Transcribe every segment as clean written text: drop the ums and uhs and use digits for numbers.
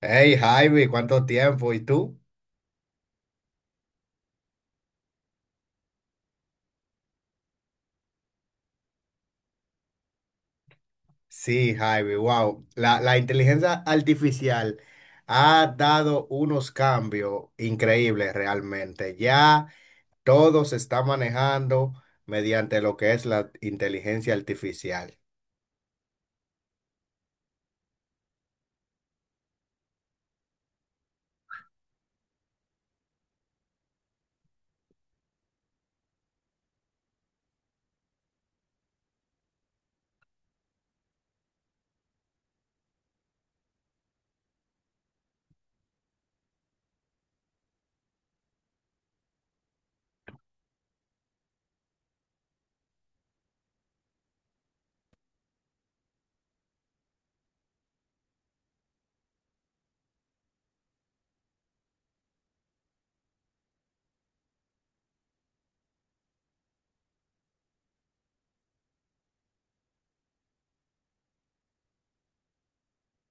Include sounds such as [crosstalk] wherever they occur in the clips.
Hey Javi, ¿cuánto tiempo? ¿Y tú? Sí, Javi, wow. La inteligencia artificial ha dado unos cambios increíbles realmente. Ya todo se está manejando mediante lo que es la inteligencia artificial.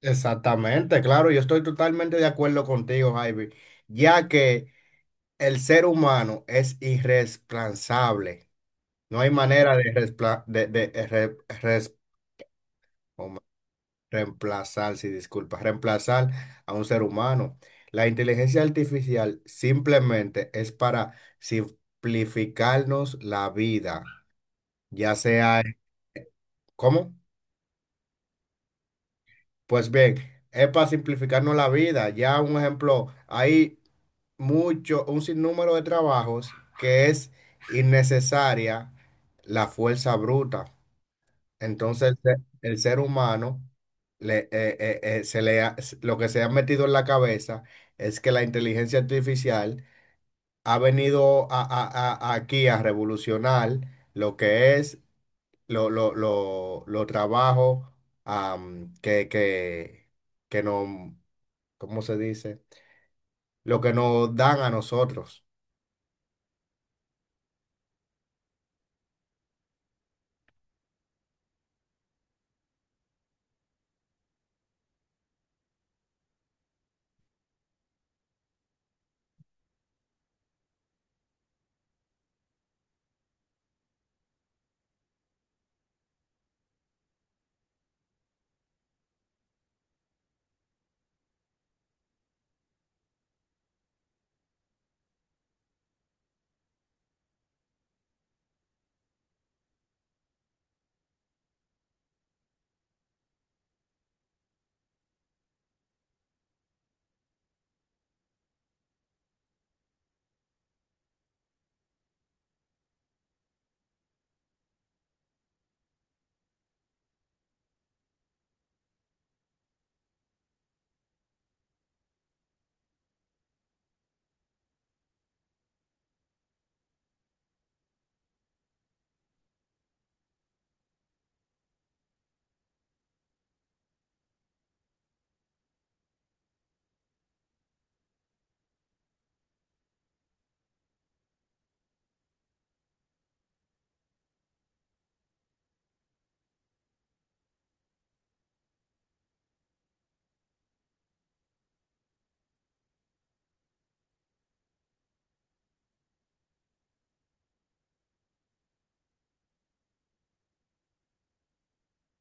Exactamente, claro, yo estoy totalmente de acuerdo contigo, Javi, ya que el ser humano es irreemplazable. No hay manera de, respla- de re- res- Reemplazar, sí, disculpa, reemplazar a un ser humano. La inteligencia artificial simplemente es para simplificarnos la vida, ya sea, en- ¿cómo? Pues bien, es para simplificarnos la vida. Ya un ejemplo, hay mucho, un sinnúmero de trabajos que es innecesaria la fuerza bruta. Entonces, el ser humano, le, se le ha- s- lo que se ha metido en la cabeza es que la inteligencia artificial ha venido aquí a revolucionar lo que es lo trabajo am, que, que, que nos, ¿cómo se dice? Lo que nos dan a nosotros.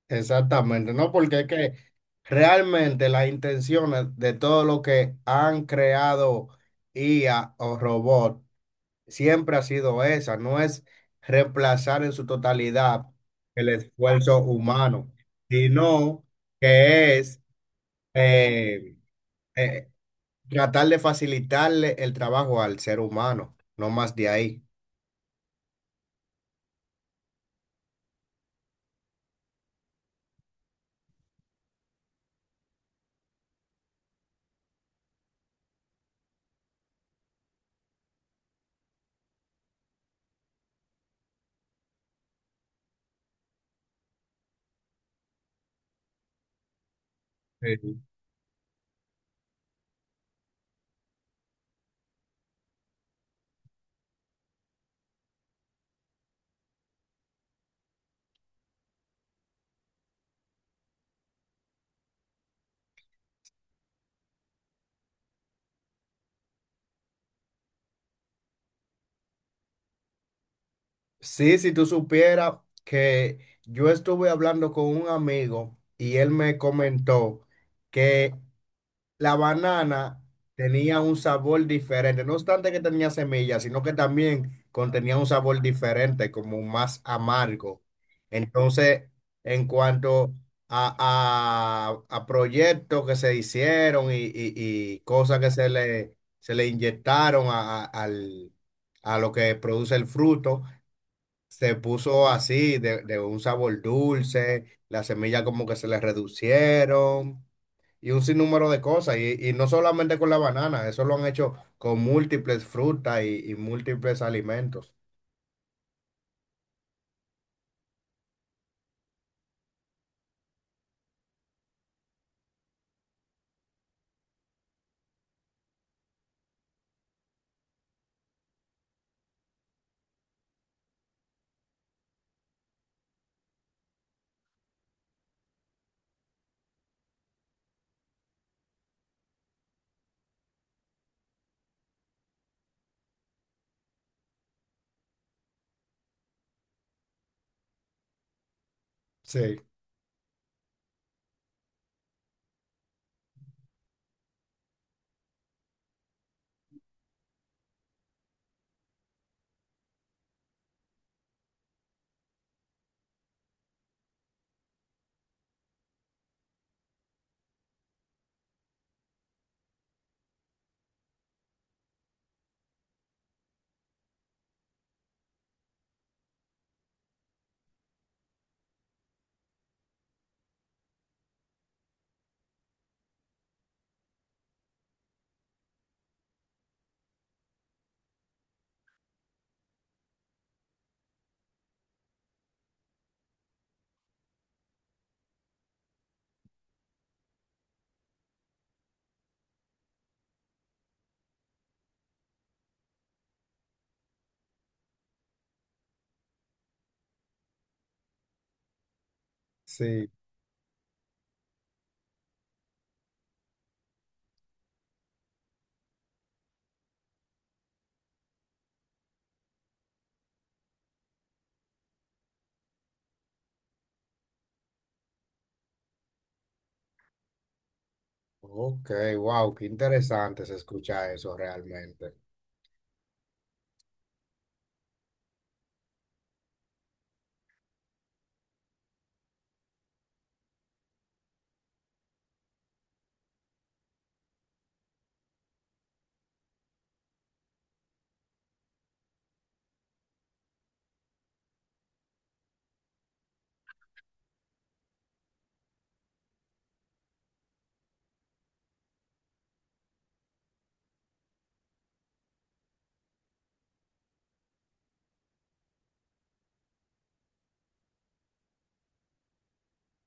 Exactamente, ¿no? Porque es que realmente las intenciones de todo lo que han creado IA o robot siempre ha sido esa, no es reemplazar en su totalidad el esfuerzo humano, sino que es eh, eh, tratar de facilitarle el trabajo al ser humano, no más de ahí. Sí. Sí, si tú supieras que yo estuve hablando con un amigo y él me comentó que la banana tenía un sabor diferente, no obstante que tenía semillas, sino que también contenía un sabor diferente, como más amargo. Entonces, en cuanto a, a proyectos que se hicieron y cosas que se le inyectaron a a lo que produce el fruto, se puso así, de un sabor dulce, las semillas como que se le reducieron y un sinnúmero de cosas. Y no solamente con la banana, eso lo han hecho con múltiples frutas y múltiples alimentos. Sí, sí. Ok, wow, qué interesante se escucha eso realmente.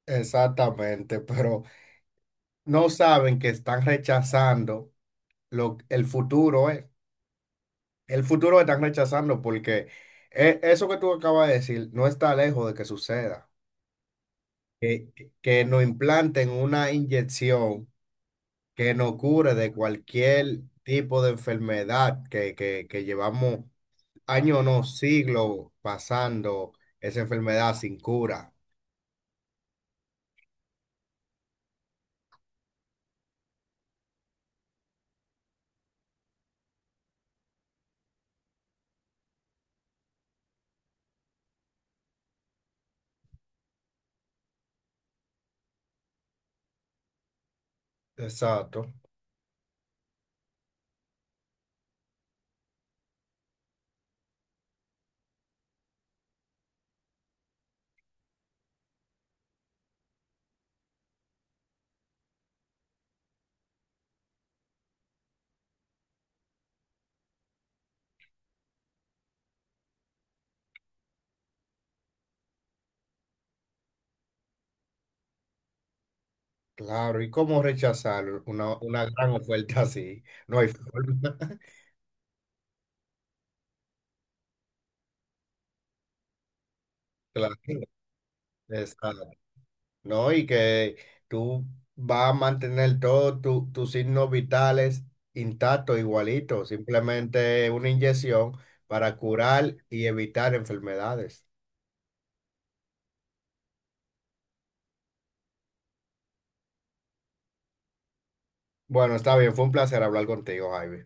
Exactamente, pero no saben que están rechazando lo, el futuro, ¿eh? El futuro lo están rechazando porque eso que tú acabas de decir no está lejos de que suceda. Que, que nos implanten una inyección que nos cure de cualquier tipo de enfermedad que llevamos años, no, siglos pasando esa enfermedad sin cura. Exacto. Claro, ¿y cómo rechazar una gran oferta así? No hay forma. [laughs] Claro, exacto. ¿No? Y que tú vas a mantener todos tus signos vitales intactos, igualitos, simplemente una inyección para curar y evitar enfermedades. Bueno, está bien, fue un placer hablar contigo, Jaime.